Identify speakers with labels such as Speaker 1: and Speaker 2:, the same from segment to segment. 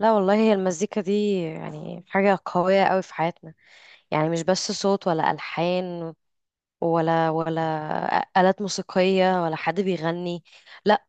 Speaker 1: لا والله، هي المزيكا دي يعني حاجة قوية قوي في حياتنا. يعني مش بس صوت ولا ألحان ولا آلات موسيقية ولا حد بيغني. لا،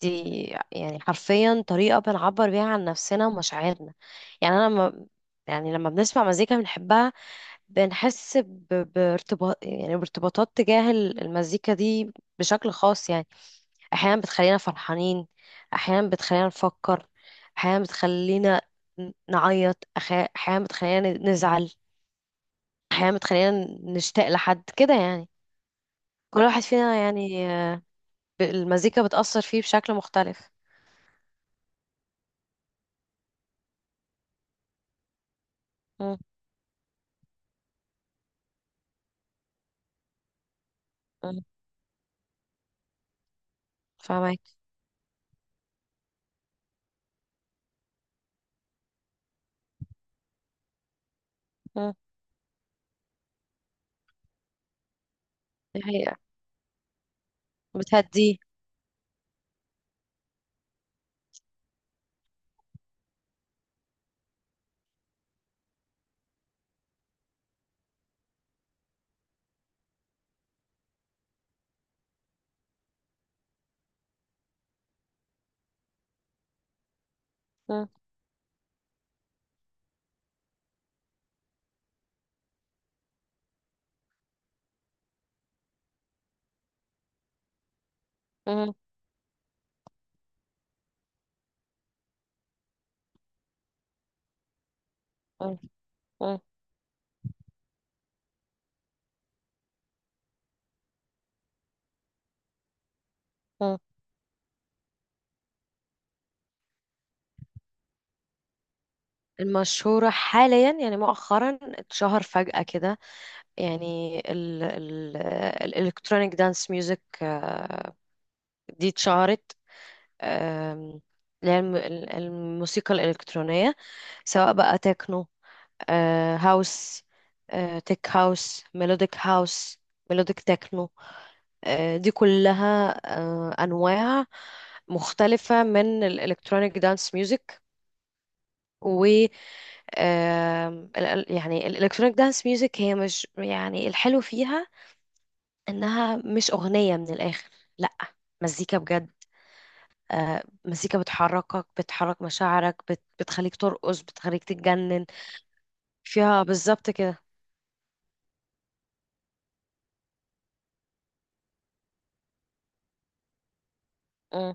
Speaker 1: دي يعني حرفيا طريقة بنعبر بيها عن نفسنا ومشاعرنا. يعني أنا لما يعني لما بنسمع مزيكا بنحبها، بنحس بارتباط، يعني بارتباطات تجاه المزيكا دي بشكل خاص يعني. احيانا بتخلينا فرحانين، احيانا بتخلينا نفكر، احيانا بتخلينا نعيط، احيانا بتخلينا نزعل، احيانا بتخلينا نشتاق لحد كده يعني. كل واحد فينا يعني المزيكا بتأثر فيه بشكل مختلف. مم، مم، فاهمك. مم، دي حقيقة. بتهديه. مم، مم، مم، مم، مم. المشهورة حاليا، يعني مؤخرا اتشهر فجأة كده، يعني ال الالكترونيك دانس ميوزك، دي اتشهرت. آم، اللي هي الموسيقى الإلكترونية، سواء بقى تكنو، هاوس، تك هاوس، ميلوديك هاوس، ميلوديك تكنو. دي كلها أنواع مختلفة من الإلكترونيك دانس ميوزك. و يعني الإلكترونيك دانس ميوزك، هي مش يعني الحلو فيها إنها مش أغنية من الآخر، لأ، مزيكا بجد. مزيكا بتحركك، بتحرك مشاعرك، بتخليك ترقص، بتخليك تتجنن. فيها بالظبط كده. مم،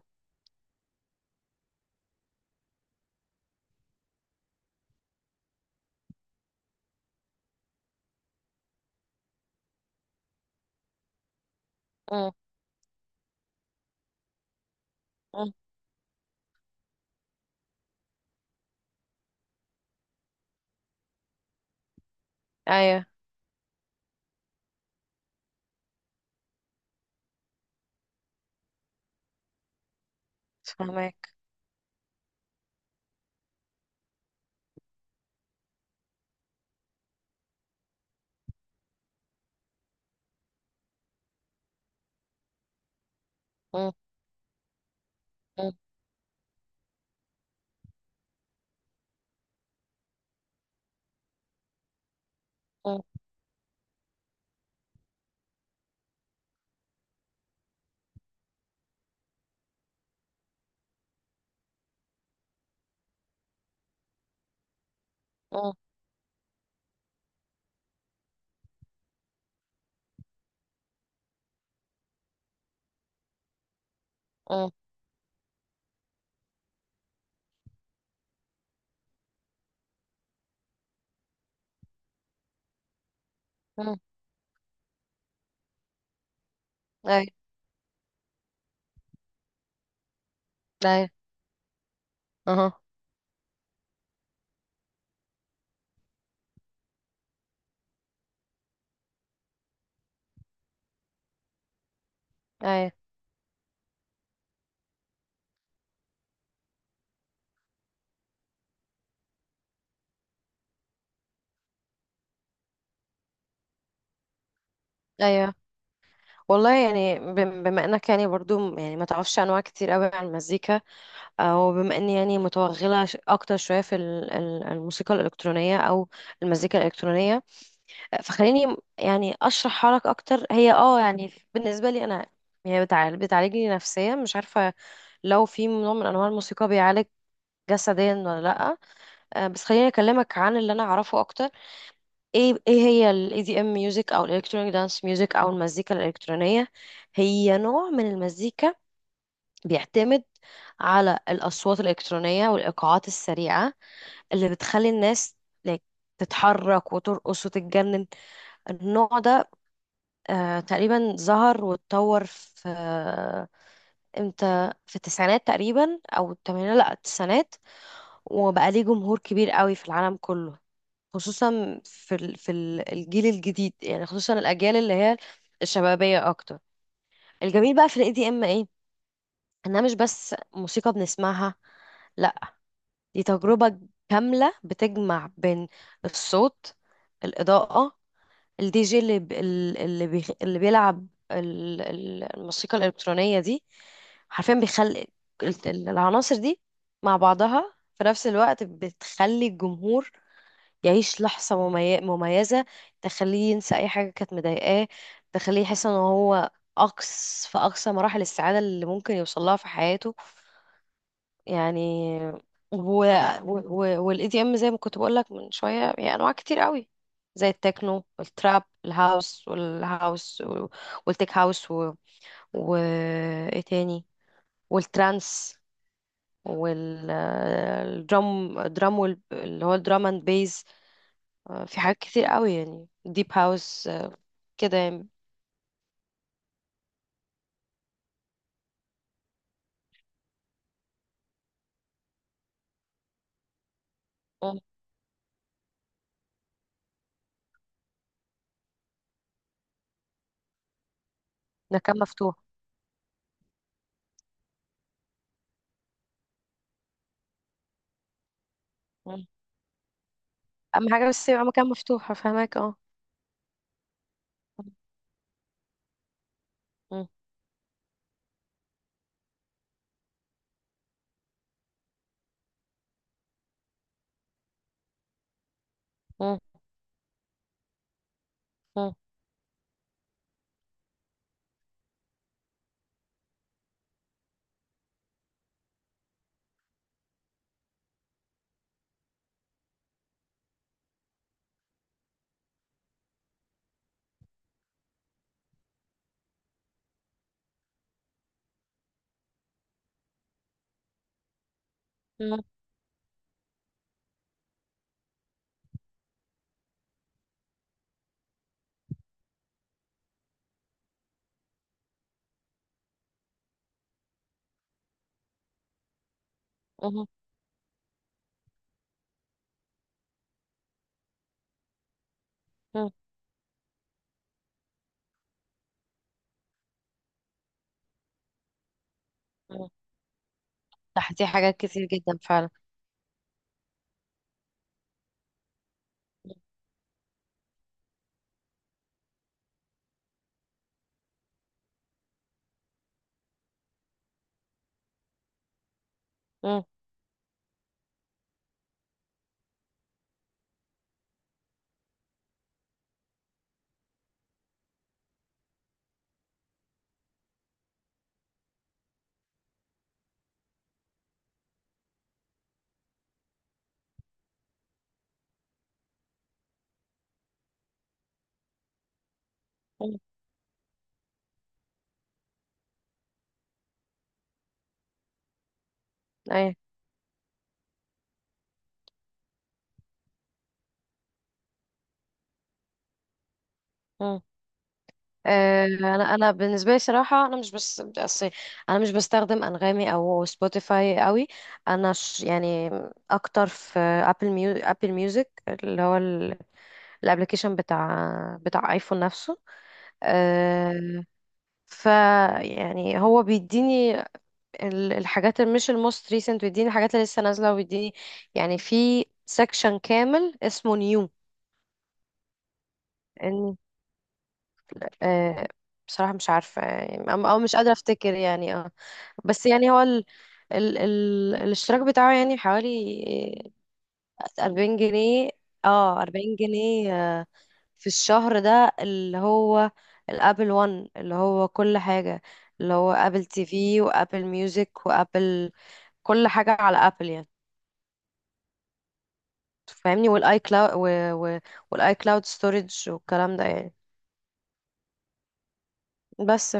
Speaker 1: مم، مم. ايوه فهمك. مم، مم، مم، مم، مم، مم. ايوه. ايوه. اها. ايوه. ايوه والله، يعني بما انك يعني برضو يعني ما تعرفش انواع كتير قوي عن المزيكا، او بما اني يعني متوغله اكتر شويه في الموسيقى الالكترونيه او المزيكا الالكترونيه، فخليني يعني اشرح حالك اكتر. هي اه يعني بالنسبه لي انا، هي بتعالجني نفسيا. مش عارفه لو في نوع من انواع الموسيقى بيعالج جسديا ولا لا. بس خليني اكلمك عن اللي انا اعرفه اكتر. ايه هي الاي دي ام ميوزك او الالكترونيك دانس ميوزك او المزيكا الالكترونيه. هي نوع من المزيكا بيعتمد على الاصوات الالكترونيه والايقاعات السريعه اللي بتخلي الناس like تتحرك وترقص وتتجنن. النوع ده تقريبا ظهر واتطور في امتى، في التسعينات تقريبا او الثمانينات، لا التسعينات، وبقى ليه جمهور كبير قوي في العالم كله، خصوصا في الجيل الجديد، يعني خصوصا الاجيال اللي هي الشبابيه اكتر. الجميل بقى في الاي دي ام ايه؟ انها مش بس موسيقى بنسمعها، لا، دي تجربه كامله بتجمع بين الصوت، الاضاءه، الدي جي اللي ب... ال- اللي بيخ... اللي بيلعب الموسيقى الإلكترونية دي. حرفيا بيخلي العناصر دي مع بعضها في نفس الوقت بتخلي الجمهور يعيش لحظة مميزة، تخليه ينسى أي حاجة كانت مضايقاه، تخليه يحس إن هو أقصى مراحل السعادة اللي ممكن يوصلها في حياته يعني. و... والاي دي ام، زي ما كنت بقول لك من شويه، هي انواع كتير قوي، زي التكنو، التراب، الهاوس والتك هاوس و... ايه تاني، والترانس، والدرام درام وال... اللي هو الدرام اند بيز. في حاجات كتير قوي يعني، ديب هاوس كده يعني. مم. مكان مفتوح. مم. اهم حاجه بس يبقى مكان مفتوح، فاهمك اه. مم. مم. مم. مم. مم. مم. صح، دي حاجات كتير جدا فعلا. مم. مم. ايوه. مم. آه، انا بالنسبه لي صراحه، انا مش بستخدم انغامي او سبوتيفاي قوي. انا ش يعني اكتر في ابل ميوزك، اللي هو الابلكيشن بتاع ايفون نفسه. أه. ف يعني هو بيديني الحاجات اللي مش الموست ريسنت، بيديني الحاجات اللي لسه نازله، وبيديني يعني في سكشن كامل اسمه نيو. آه، بصراحة مش عارفة يعني أو مش قادرة أفتكر يعني اه. بس يعني هو الاشتراك بتاعه يعني حوالي 40 جنيه. اه 40 جنيه آه، في الشهر. ده اللي هو الابل وان، اللي هو كل حاجة، اللي هو ابل تي في، وابل ميوزك، وابل، كل حاجة على ابل يعني، فاهمني. والاي كلاود، والاي كلاود ستورج والكلام ده يعني. بس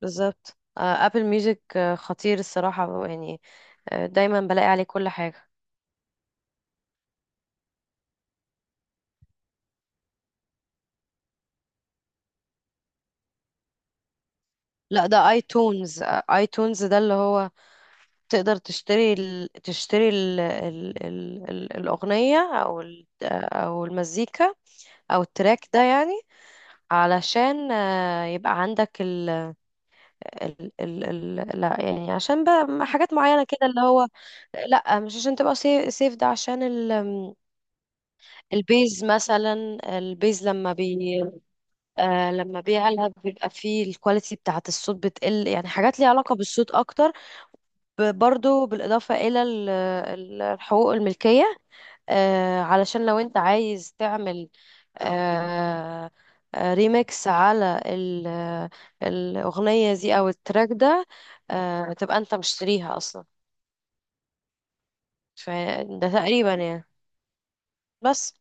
Speaker 1: بالظبط ابل ميوزك خطير الصراحة يعني. دايما بلاقي عليه كل حاجة. لا، ده اي تونز. اي تونز اللي هو تقدر تشتري الأغنية، او ال... آه، او المزيكا، او التراك ده يعني، علشان يبقى عندك ال... ال... ال... لا يعني عشان بقى حاجات معينة كده اللي هو، لا مش عشان تبقى سيف. ده عشان البيز، مثلا البيز لما بي آه، لما بيعلى بيبقى فيه الكواليتي بتاعة الصوت بتقل، يعني حاجات ليها علاقة بالصوت أكتر. برضو بالإضافة إلى الحقوق الملكية. آه علشان لو أنت عايز تعمل آه ريميكس على الأغنية دي أو التراك ده، آه تبقى أنت مشتريها أصلا. فده تقريبا يعني. بس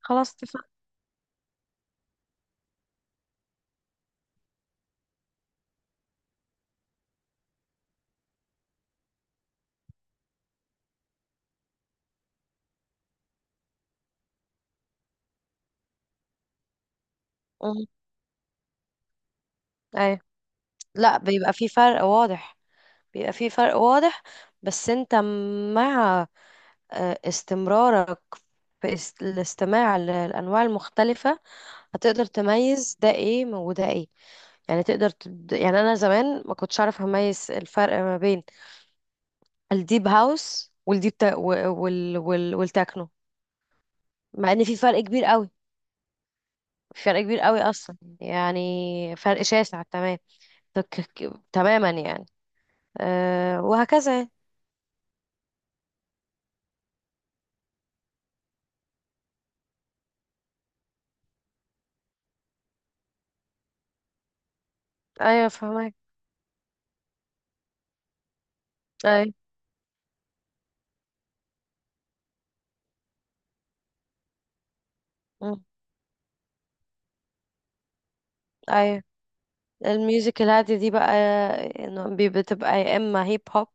Speaker 1: خلاص، اتفقنا. مم. أيوة، لا، بيبقى فيه فرق واضح. بس انت مع استمرارك في الاستماع للأنواع المختلفة، هتقدر تميز ده ايه وده ايه، يعني يعني أنا زمان ما كنتش أعرف أميز الفرق ما بين الديب هاوس والديب تا... و- وال... وال... والتكنو، مع إن في فرق كبير قوي أصلا، يعني فرق شاسع تمام. تك... تماما يعني. أه وهكذا يعني. أيوة فهمك. أيوة. مم. أيوة. الميوزك الهادية دي بقى، بتبقى يا إما هيب هوب،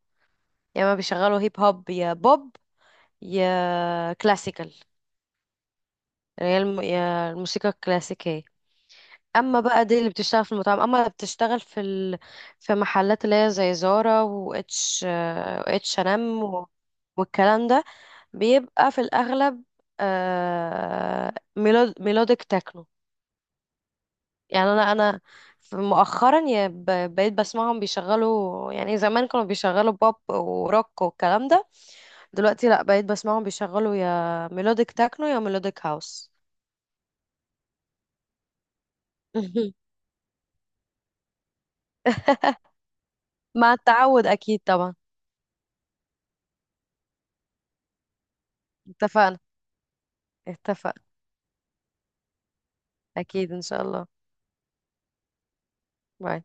Speaker 1: يا ما بيشغلوا هيب هوب، يا بوب، يا كلاسيكال. يعني هي يا الموسيقى الكلاسيكية. اما بقى دي اللي بتشتغل في المطاعم، اما اللي بتشتغل في في محلات اللي هي زي زارا، واتش اتش ان ام، H&M و- والكلام ده، بيبقى في الاغلب ميلوديك تكنو. يعني انا انا مؤخرا بقيت بسمعهم بيشغلوا، يعني زمان كانوا بيشغلوا بوب وروك والكلام ده، دلوقتي لا، بقيت بسمعهم بيشغلوا يا ميلوديك تكنو يا ميلوديك هاوس. مع التعود، اكيد طبعا. اتفقنا. اتفقنا. اكيد ان شاء الله. باي.